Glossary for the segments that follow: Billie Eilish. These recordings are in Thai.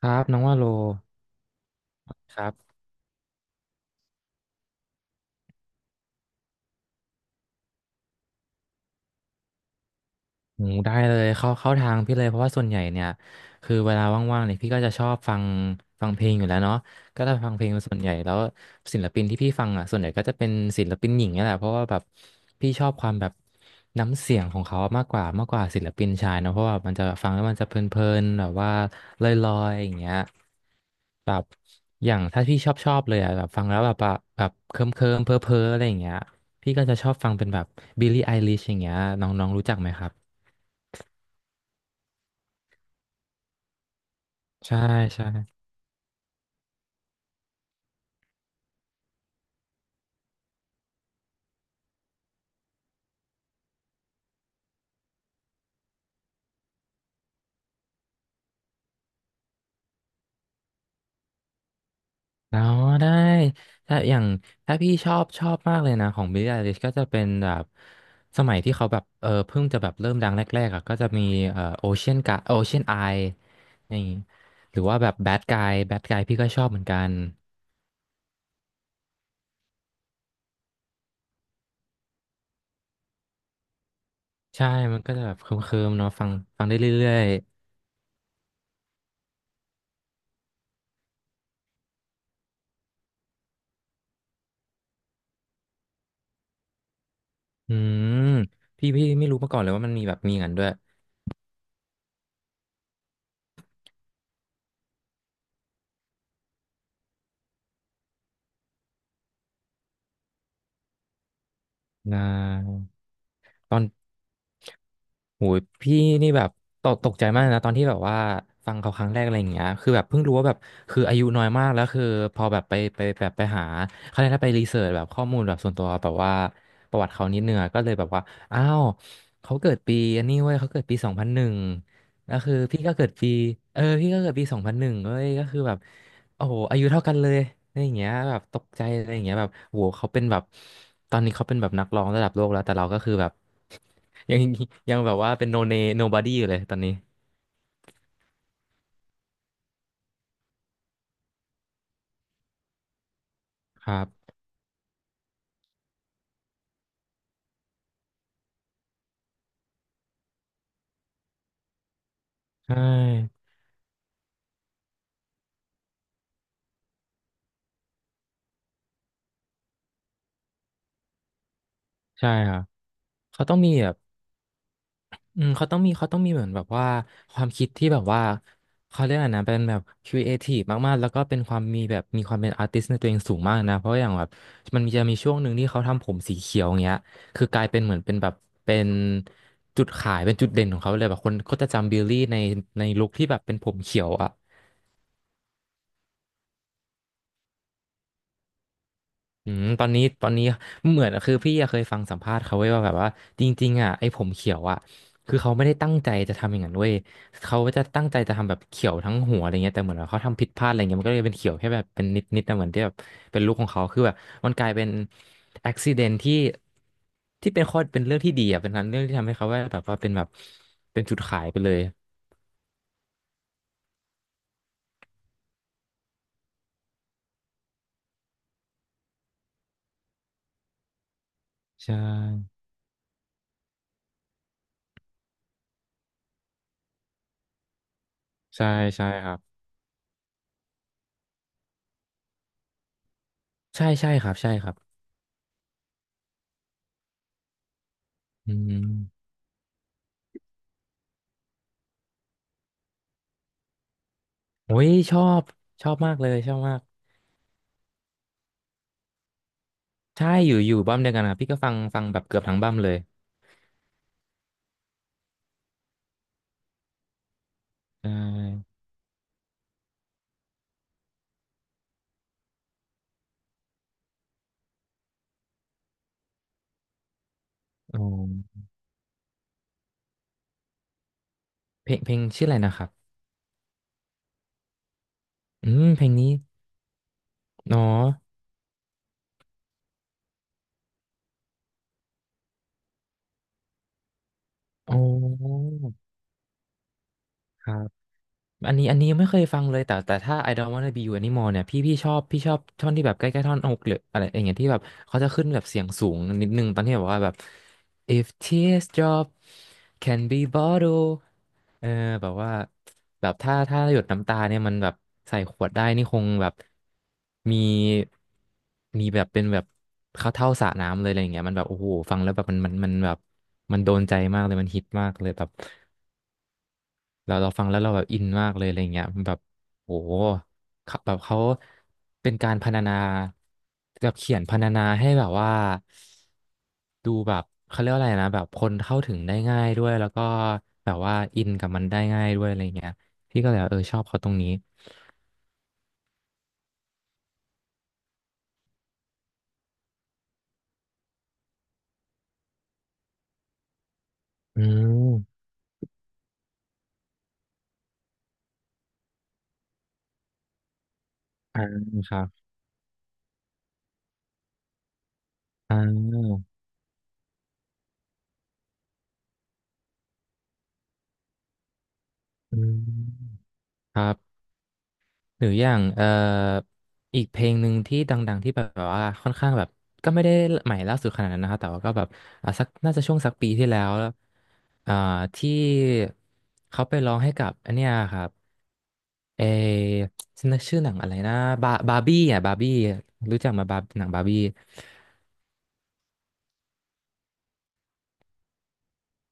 ครับน้องว่าโลครับ โอ้ได้เลยเข้าเข้าทางพี่เลยเพราะว่าส่วนใหญ่เนี่ยคือเวลาว่างๆเนี่ยพี่ก็จะชอบฟังฟังเพลงอยู่แล้วเนาะก็จะฟังเพลงเป็นส่วนใหญ่แล้วศิลปินที่พี่ฟังอ่ะส่วนใหญ่ก็จะเป็นศิลปินหญิงเนี่ยแหละเพราะว่าแบบพี่ชอบความแบบน้ำเสียงของเขามากกว่ามากกว่าศิลปินชายเนาะเพราะว่ามันจะฟังแล้วมันจะเพลินๆแบบว่าลอยๆอย่างเงี้ยแบบอย่างถ้าพี่ชอบชอบเลยอ่ะแบบฟังแล้วแบบว่าแบบเคิมเคิมเพ้อเพ้อๆอะไรอย่างเงี้ยพี่ก็จะชอบฟังเป็นแบบบิลลี่ไอลิชอย่างเงี้ยน้องๆรู้จักไหมครับ ใช่ใช่แล้วได้ถ้าอย่างถ้าพี่ชอบชอบมากเลยนะของ Billie Eilish ก็จะเป็นแบบสมัยที่เขาแบบเพิ่งจะแบบเริ่มดังแรกๆอ่ะก็จะมีOcean g u Ocean Eye นี่หรือว่าแบบ Bad Guy Bad Guy พี่ก็ชอบเหมือนกันใช่ มันก็จะแบบเคิมๆเนาะฟังฟังได้เรื่อยๆอืมพี่ไม่รู้มาก่อนเลยว่ามันมีแบบมีอย่างนั้นด้วยนะตอน โหยพี่นี่แบบตกตกใจมากนะตอนที่แบบว่าฟังเขาครั้งแรกอะไรอย่างเงี้ยคือแบบเพิ่งรู้ว่าแบบคืออายุน้อยมากแล้วคือพอแบบไปไปแบบไปหาเขาเรียกว่าไปรีเสิร์ชแบบข้อมูลแบบส่วนตัวแบบว่าประวัติเขานิดนึงอะก็เลยแบบว่าอ้าวเขาเกิดปีอันนี้เว้ยเขาเกิดปีสองพันหนึ่งแล้วคือพี่ก็เกิดปีพี่ก็เกิดปีสองพันหนึ่งเว้ยก็คือแบบโอ้โหอายุเท่ากันเลยอะไรอย่างเงี้ยแบบตกใจอะไรอย่างเงี้ยแบบโหเขาเป็นแบบตอนนี้เขาเป็นแบบนักร้องระดับโลกแล้วแต่เราก็คือแบบ ยัง ยังแบบว่าเป็นโนเน nobody อยู่เลยตอนนี้ครับใช่ใช่ครับเขาต้องมีแบบอืมเขาต้องมีเขาต้องมีเหมือนแบบว่าความคิดที่แบบว่าเขาเรียกอะไรนะเป็นแบบครีเอทีฟมากๆแล้วก็เป็นความมีแบบมีความเป็นอาร์ติสในตัวเองสูงมากนะเพราะอย่างแบบมันมีจะมีช่วงหนึ่งที่เขาทำผมสีเขียวอย่างเงี้ยคือกลายเป็นเหมือนเป็นแบบเป็นจุดขายเป็นจุดเด่นของเขาเลยแบบคนก็จะจำบิลลี่ในในลุคที่แบบเป็นผมเขียวอ่ะ อืมตอนนี้ตอนนี้เหมือนคือพี่อะเคยฟังสัมภาษณ์เขาไว้ว่าแบบว่าจริงๆอ่ะไอ้ผมเขียวอ่ะคือเขาไม่ได้ตั้งใจจะทำอย่างนั้นเว้ยเขาจะตั้งใจจะทำแบบเขียวทั้งหัวอะไรเงี้ยแต่เหมือนว่าเขาทำผิดพลาดอะไรเงี้ยมันก็เลยเป็นเขียวแค่แบบเป็นนิดๆิดนะเหมือนที่แบบเป็นลูกของเขาคือแบบมันกลายเป็นอุบิเหตุที่ที่เป็นข้อเป็นเรื่องที่ดีอ่ะเป็นเรื่องที่ทำให้เขาว่าแบบว่าเป็นแบบเป็นจุดขายไปเลยใช่ใช่ใช่ครับใช่ใช่ครับใช่ครับอืมโอ้ยชอบชอบมากเลยชอบมาก ใช่ อยู่ อยู่บั้มเดียวกันครับพี่ก็ฟัง ฟังแบบเกือบทั้งบั้มเลยใช่อ๋อเพลง เพลงชื่ออะไรนะครับ อืม เพลงนี้เนาะอ๋อครับ อันนี้อันนี้ยังไม่เคยฟังเลยแต่แต่ถ้า I don't wanna be you anymore เนี่ยพี่ชอบพี่ชอบท่อนที่แบบใกล้ๆท่อนอกหรืออะไรอย่างเงี้ยที่แบบเขาจะขึ้นแบบเสียงสูงนิดนึงตอนที่แบบว่าแบบ if tears drop can be bottled เออแบบว่าแบบถ้าถ้าหยดน้ำตาเนี่ยมันแบบใส่ขวดได้นี่คงแบบมีมีแบบเป็นแบบเข้าเท่าสระน้ำเลยอะไรอย่างเงี้ยมันแบบโอ้โหฟังแล้วแบบมันมันมันแบบมันโดนใจมากเลยมันฮิตมากเลยแบบ เราเราฟังแล้วเราแบบอินมากเลยอะไรเงี้ยแบบโหเขาแบบเขาเป็นการพรรณนาแบบเขียนพรรณนาให้แบบว่าดูแบบเขาเรียกว่าอะไรนะแบบคนเข้าถึงได้ง่ายด้วยแล้วก็แบบว่าอินกับมันได้ง่ายด้วยอะไรเงี้ยพี่ก็เลยแบบชอบเขาตรงนี้อืมอ่าครับอ่าอืมครับ หรืออย่างอีกเพลงหนึ่งที่ดังๆที่แบบว่าค่อนข้างแบบก็ไม่ได้ใหม่ล่าสุดขนาดนั้นนะครับแต่ว่าก็แบบอ่ะสักน่าจะช่วงสักปีที่แล้วอ่าที่เขาไปร้องให้กับอันเนี้ยครับเอฉันนึกชื่อหนังอะไรนะบาร์บี้อ่ะบาร์บี้รู้จักมาหนังบาร์บี้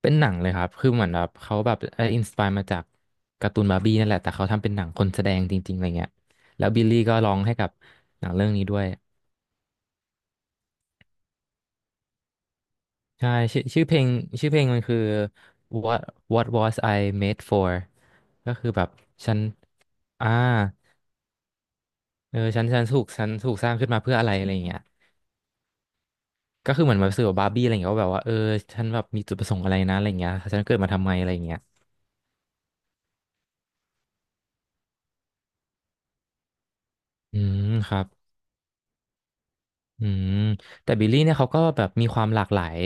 เป็นหนังเลยครับคือเหมือนแบบเขาแบบเอออินสปายมาจากการ์ตูนบาร์บี้นั่นแหละแต่เขาทำเป็นหนังคนแสดงจริงๆอะไรเงี้ยแล้วบิลลี่ก็ร้องให้กับหนังเรื่องนี้ด้วย ใช่ชื่อเพลงชื่อเพลงมันคือ what what was I made for ก็คือแบบฉันอ่าเออฉันถูกสร้างขึ้นมาเพื่ออะไรอะไรอย่างเงี้ยก็คือเหมือนแบบสื่อกับบาร์บี้อะไรอย่างเงี้ยว่าแบบว่าเออฉันแบบมีจุดประสงค์อะไรนะอะไรอย่างเงี้ยฉันเกิดมาทำไมอะไรอย่างเงี้ยอืมครับ อืมแต่บิลลี่เนี่ยเขาก็แบบมีความหลากหลาย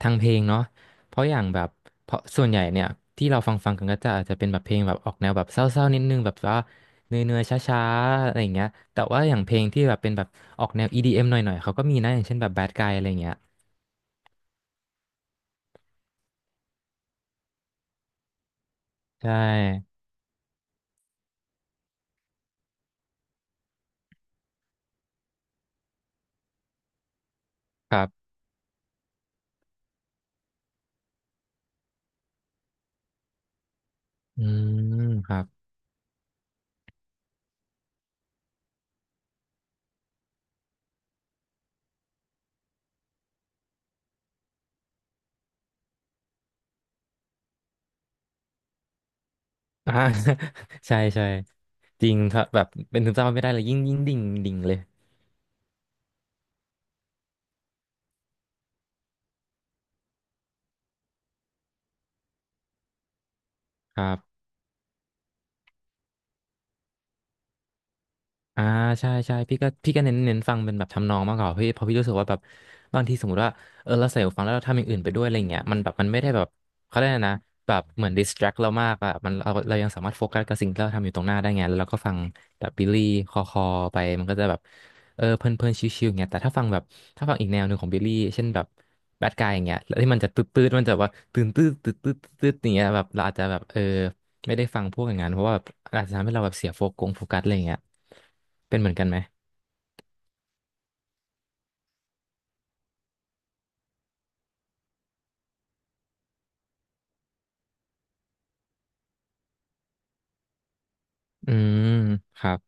ทางเพลงเนาะเพราะอย่างแบบเพราะส่วนใหญ่เนี่ยที่เราฟังกันก็จะอาจจะเป็นแบบเพลงแบบออกแนวแบบเศร้าๆนิดนึงแบบว่าเนื่อยๆช้าๆอะไรอย่างเงี้ยแต่ว่าอย่างเพลงที่แบบเป็นแบบออกแนว EDM หน่อยๆเขาก็มีนะอย่างเช่นแบบ Bad Guy อะไรอย่างเงี้ยใช่ครับอืมครับ อ่า ใช่ใช่จริงครับแบบเป็นซึมเศร้าไม่ได้เลยยิ่งดิ่งเลยครับ อ่าใช่ใช่พี่ก็เน้นฟังเป็นแบบทำนองมากกว่าพี่เพราะพี่รู้สึกว่าแบบบางทีสมมติว่าเออเราใส่หูฟังแล้วเราทำอย่างอื่นไปด้วยอะไรเงี้ยมันแบบมันไม่ได้แบบเขาเรียกอะไรนะแบบเหมือนดิสแทรกเรามากอะมันเรายังสามารถโฟกัสกับสิ่งที่เราทำอยู่ตรงหน้าได้ไงแล้วเราก็ฟังแบบบิลลี่คอคอไปมันก็จะแบบเออเพลินเพลินชิวๆเงี้ยแต่ถ้าฟังแบบถ้าฟังอีกแนวหนึ่งของบิลลี่เช่นแบบแบดกายอย่างเงี้ยแล้วที่มันจะตืดตืดมันจะแบบว่าตื่นตืดตืดตืดตืดอย่างเงี้ยแบบเราอาจจะแบบเออไม่ได้ฟังพวกอย่างนั้นเพราะว่าอาจจะทำให้เราแบบเสียโฟกัสโฟกัสอะไรเงี้ย เป็นเหมือนกันไหมอืมครับ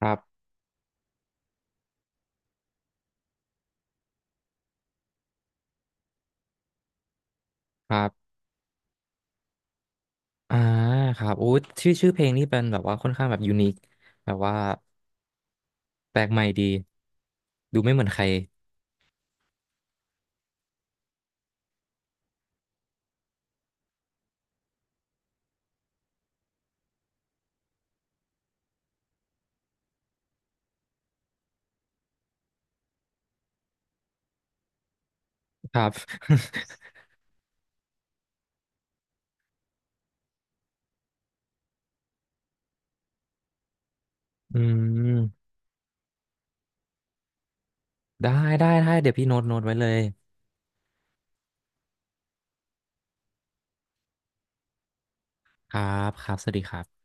ครับ ครับอ่าครับโอ้ยชื่อเพลงนี่เป็นแบบว่าค่อนข้างแบบยูนิคแบบว่าแปลกใหม่ดี ดูไม่เหมือนใครครับ อืมได้ ได้ ได้ เดี๋ยวพี่โน้ตไว้เลยครับครับ สวัสดีครับ